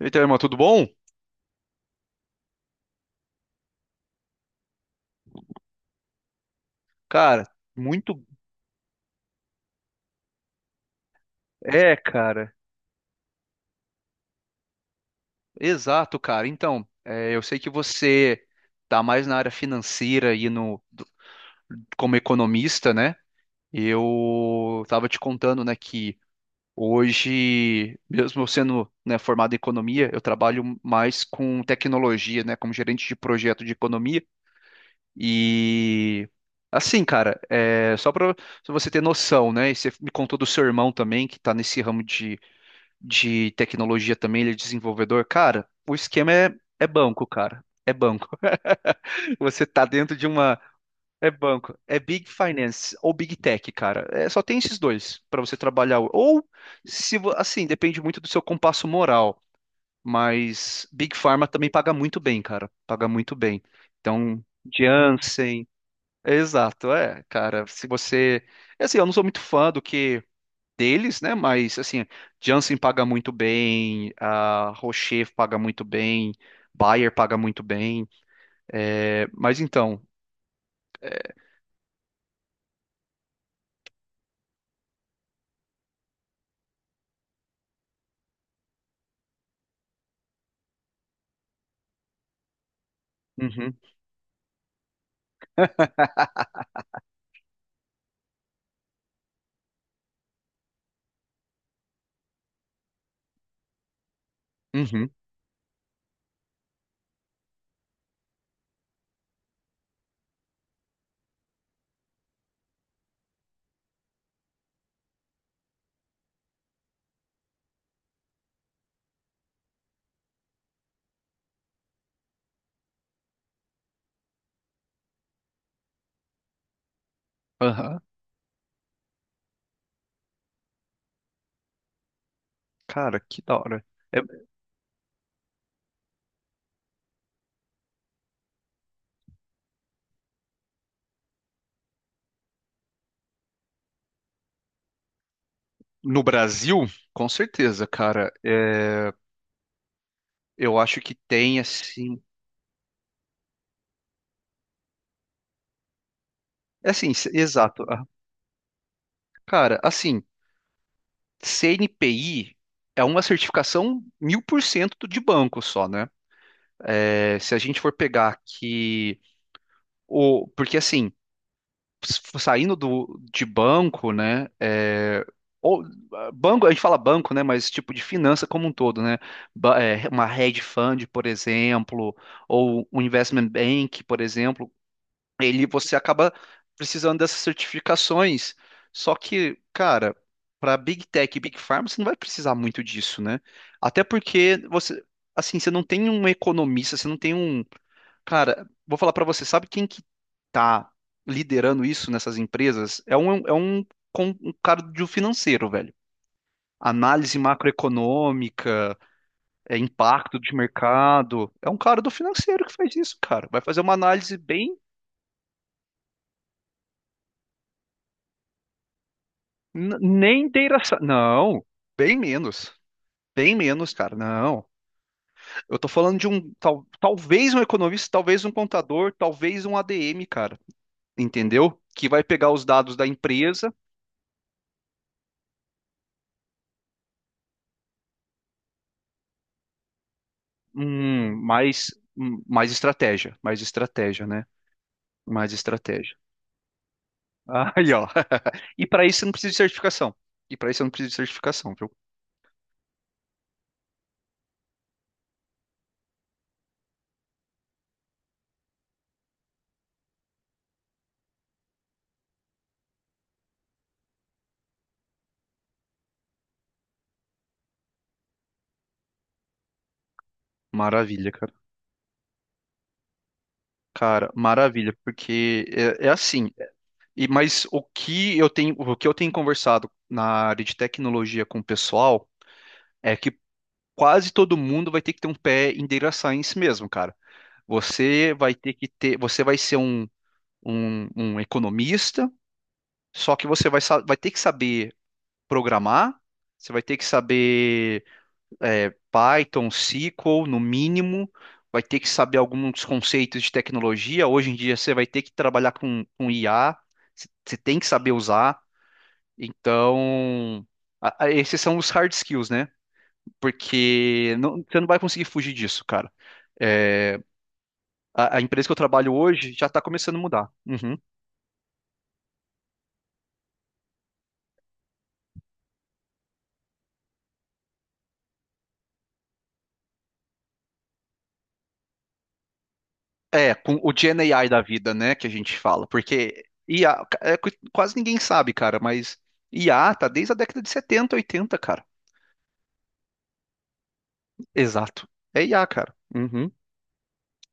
Eita, irmão, tudo bom? Cara, muito. É, cara. Exato, cara. Então, eu sei que você tá mais na área financeira e no do- como economista, né? Eu tava te contando, né, que hoje, mesmo eu sendo, né, formado em economia, eu trabalho mais com tecnologia, né, como gerente de projeto de economia e assim, cara, só para você ter noção, né? E você me contou do seu irmão também, que tá nesse ramo de tecnologia também, ele é desenvolvedor, cara, o esquema é banco, cara. É banco. Você tá dentro de uma. É banco. É Big Finance ou Big Tech, cara. É, só tem esses dois pra você trabalhar. Ou, se vo- assim, depende muito do seu compasso moral. Mas Big Pharma também paga muito bem, cara. Paga muito bem. Então, Janssen. Exato, cara. Se você. Assim, eu não sou muito fã do que deles, né? Mas assim, Janssen paga muito bem, a Rocher paga muito bem, Bayer paga muito bem. É, mas então, eh, uhum, uhum, aham. Cara, que da hora. É, no Brasil, com certeza, cara. É, eu acho que tem assim, é assim, exato. Ah. Cara, assim, CNPI é uma certificação 1000% de banco só, né? É, se a gente for pegar que porque assim saindo de banco, né? Ou, banco, a gente fala banco, né? Mas tipo de finança como um todo, né? Uma hedge fund, por exemplo, ou um investment bank, por exemplo, ele você acaba precisando dessas certificações. Só que, cara, para Big Tech e Big Pharma, você não vai precisar muito disso, né? Até porque assim, você não tem um economista, você não tem um. Cara, vou falar pra você, sabe quem que tá liderando isso nessas empresas? É um cara do financeiro, velho. Análise macroeconômica, impacto de mercado. É um cara do financeiro que faz isso, cara. Vai fazer uma análise bem. Nem Não, bem menos. Bem menos, cara. Não. Eu tô falando talvez um economista, talvez um contador, talvez um ADM, cara. Entendeu? Que vai pegar os dados da empresa. Mais, mais estratégia, né? Mais estratégia. Aí, ó. E para isso eu não preciso de certificação. E para isso eu não preciso de certificação, viu? Maravilha, cara. Cara, maravilha, porque é assim. Mas o que eu tenho conversado na área de tecnologia com o pessoal é que quase todo mundo vai ter que ter um pé em data science mesmo, cara. Você vai ter que ter, você vai ser um, um economista, só que você vai ter que saber programar, você vai ter que saber Python, SQL, no mínimo, vai ter que saber alguns conceitos de tecnologia. Hoje em dia você vai ter que trabalhar com IA, você tem que saber usar. Então, esses são os hard skills, né? Porque você não vai conseguir fugir disso, cara. É, a empresa que eu trabalho hoje já está começando a mudar. Uhum. É, com o Gen AI da vida, né, que a gente fala, porque IA, quase ninguém sabe, cara, mas IA tá desde a década de 70, 80, cara. Exato. É IA, cara. Uhum.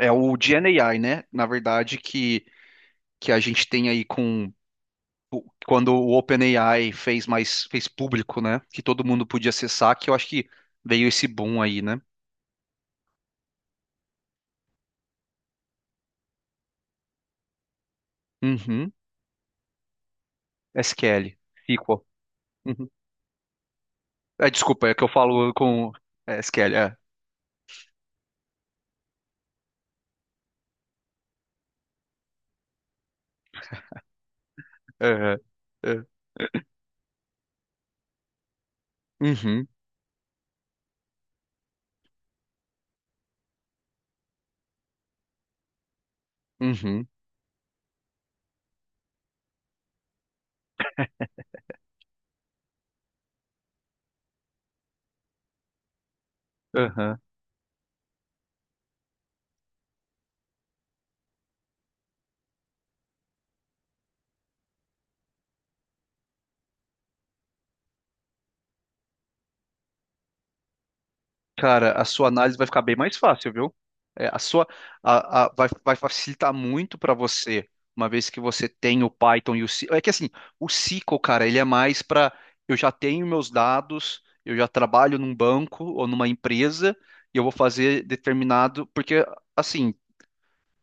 É o Gen AI, né, na verdade, que a gente tem aí com quando o OpenAI fez público, né, que todo mundo podia acessar, que eu acho que veio esse boom aí, né? Uhum. SQL, SQL. Uhum. É, desculpa, é que eu falo com SQL, é. É, é. É. Uhum. Uhum, aham. Cara, a sua análise vai ficar bem mais fácil, viu? É, a sua a- vai, vai facilitar muito para você, uma vez que você tem o Python e o SQL. É que assim, o SQL, cara, ele é mais para eu já tenho meus dados, eu já trabalho num banco ou numa empresa e eu vou fazer determinado, porque assim,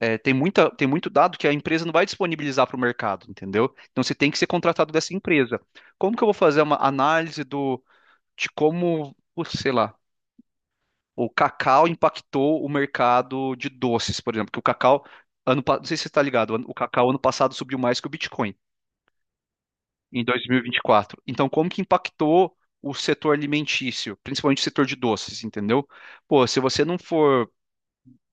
tem muita, tem muito dado que a empresa não vai disponibilizar para o mercado, entendeu? Então você tem que ser contratado dessa empresa. Como que eu vou fazer uma análise do de como, putz, sei lá o cacau impactou o mercado de doces, por exemplo, que o cacau, não sei se você está ligado, o cacau ano passado subiu mais que o Bitcoin, em 2024. Então, como que impactou o setor alimentício, principalmente o setor de doces, entendeu? Pô, se você não for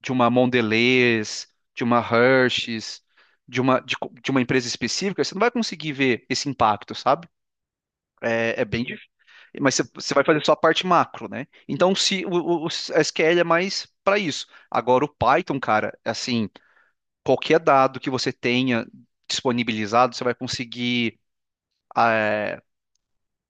de uma Mondelez, de uma Hershey's, de uma empresa específica, você não vai conseguir ver esse impacto, sabe? É, é bem. Mas você vai fazer só a parte macro, né? Então, se o, o SQL é mais para isso. Agora, o Python, cara, assim, qualquer dado que você tenha disponibilizado, você vai conseguir ah,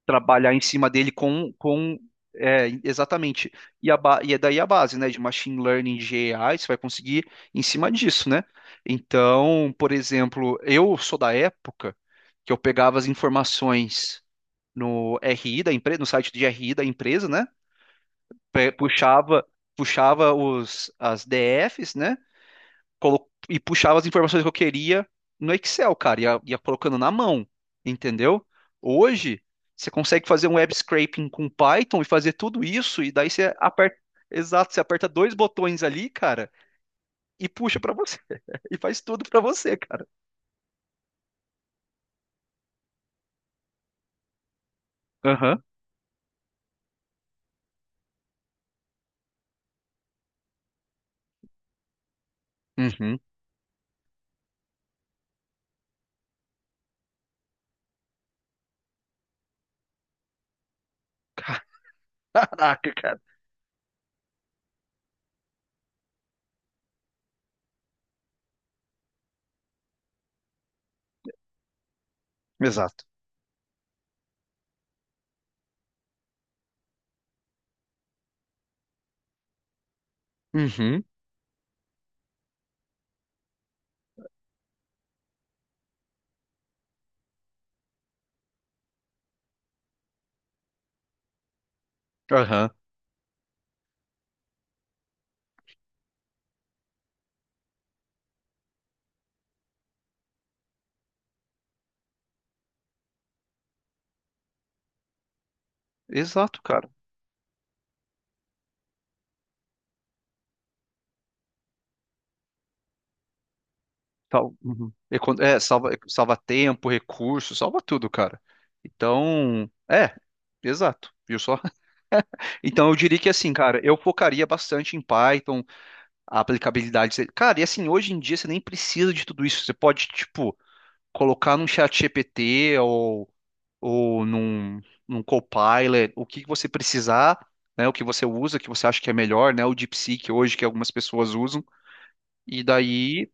trabalhar em cima dele com exatamente. E, é daí a base, né? De machine learning, de AI, você vai conseguir em cima disso, né? Então, por exemplo, eu sou da época que eu pegava as informações no RI da empresa, no site de RI da empresa, né? pe- puxava, puxava as DFs, né? E puxava as informações que eu queria no Excel, cara, ia colocando na mão, entendeu? Hoje, você consegue fazer um web scraping com Python e fazer tudo isso, e daí você aperta, exato, você aperta dois botões ali, cara, e puxa pra você, e faz tudo pra você, cara. Aham. Uhum. Caraca, cara. Exato. Uhum. Aham. Exato, cara. Uhum. É, salva tempo, recurso, salva tudo, cara. Então, exato, viu só? Então eu diria que assim, cara, eu focaria bastante em Python, a aplicabilidade. Cara, e assim, hoje em dia você nem precisa de tudo isso. Você pode, tipo, colocar num chat GPT ou, ou num, num Copilot, o que que você precisar, né? O que você usa, o que você acha que é melhor, né? O DeepSeek hoje que algumas pessoas usam. E daí,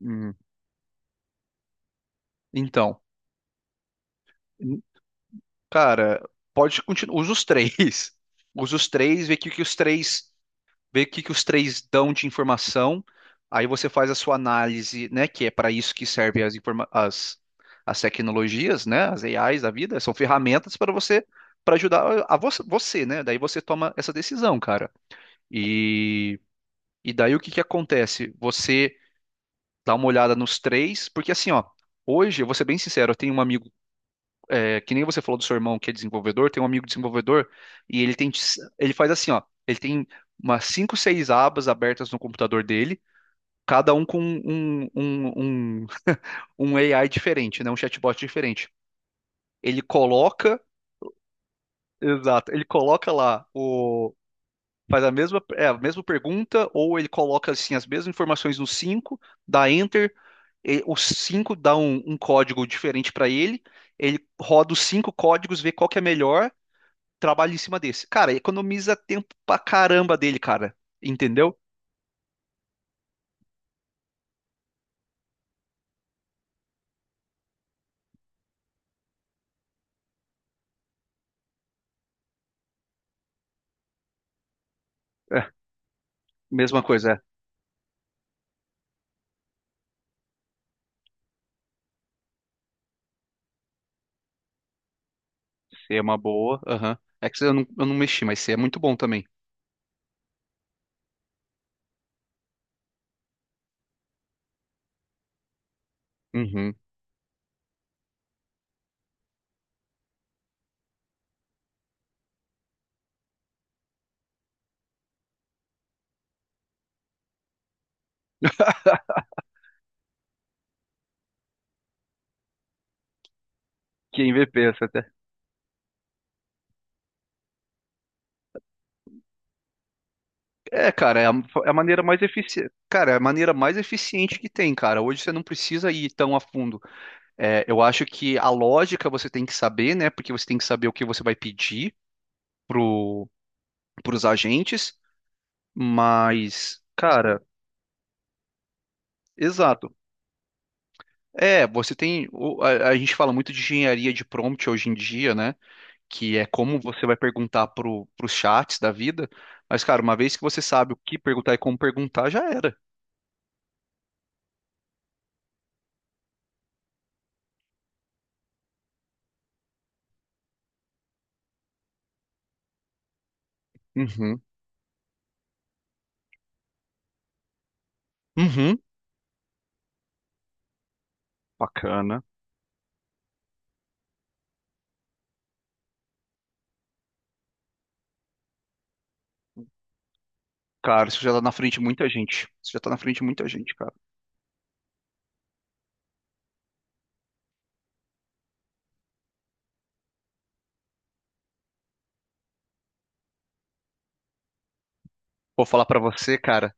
hum, então. Cara, pode continuar. Usa os três. Usa os três, vê o que os três dão de informação. Aí você faz a sua análise, né? Que é para isso que servem as tecnologias, né? As AIs da vida, são ferramentas para você, para ajudar a você, né? Daí você toma essa decisão, cara. E, e daí o que que acontece? Você dá uma olhada nos três, porque assim, ó, hoje, eu vou ser bem sincero, eu tenho um amigo que nem você falou do seu irmão que é desenvolvedor, tem um amigo desenvolvedor e ele tem, ele faz assim, ó, ele tem umas cinco, seis abas abertas no computador dele, cada um com um AI diferente, né, um chatbot diferente. Ele coloca, exato, ele coloca lá o faz a mesma, a mesma pergunta, ou ele coloca assim as mesmas informações no 5 dá enter, e, os 5 dá um código diferente para ele, ele roda os cinco códigos, vê qual que é melhor, trabalho em cima desse. Cara, economiza tempo pra caramba dele, cara. Entendeu? É, mesma coisa, é. Se É uma boa, aham. É que eu não mexi, mas C é muito bom também. Uhum. Que MVP essa até. É, cara, é a maneira mais eficiente, cara, é a maneira mais eficiente que tem, cara. Hoje você não precisa ir tão a fundo. É, eu acho que a lógica você tem que saber, né? Porque você tem que saber o que você vai pedir pro, pros agentes, mas, cara, exato. É, você tem. A gente fala muito de engenharia de prompt hoje em dia, né? Que é como você vai perguntar pros chats da vida. Mas, cara, uma vez que você sabe o que perguntar e como perguntar, já era. Uhum. Uhum. Bacana. Cara, isso já tá na frente de muita gente. Isso já tá na frente de muita gente, cara. Vou falar pra você, cara.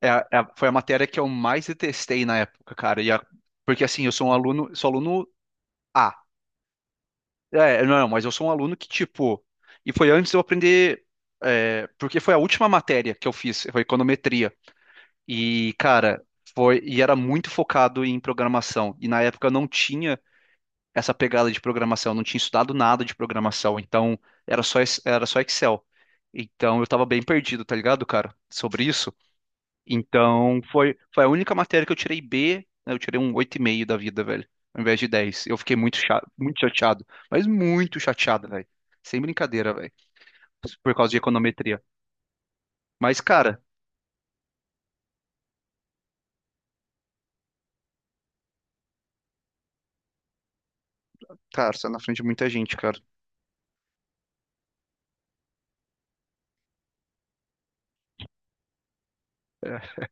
É, foi a matéria que eu mais detestei na época, cara. E porque assim, eu sou um aluno, sou aluno A. É, não, mas eu sou um aluno que, tipo, e foi antes de eu aprender, porque foi a última matéria que eu fiz, foi econometria. E, cara, foi, e era muito focado em programação. E na época eu não tinha essa pegada de programação, eu não tinha estudado nada de programação, então era só Excel. Então eu tava bem perdido, tá ligado, cara, sobre isso. Então, foi a única matéria que eu tirei B, né, eu tirei um 8,5 da vida, velho, ao invés de dez. Eu fiquei muito chato, muito chateado, mas muito chateado, velho. Sem brincadeira, velho, por causa de econometria. Mas, cara, você tá na frente de muita gente, cara. É.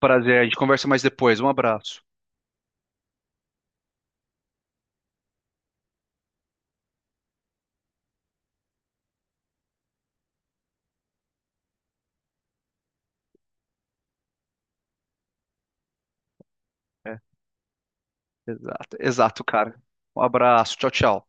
Prazer, a gente conversa mais depois. Um abraço. É. Exato, exato, cara. Um abraço, tchau, tchau.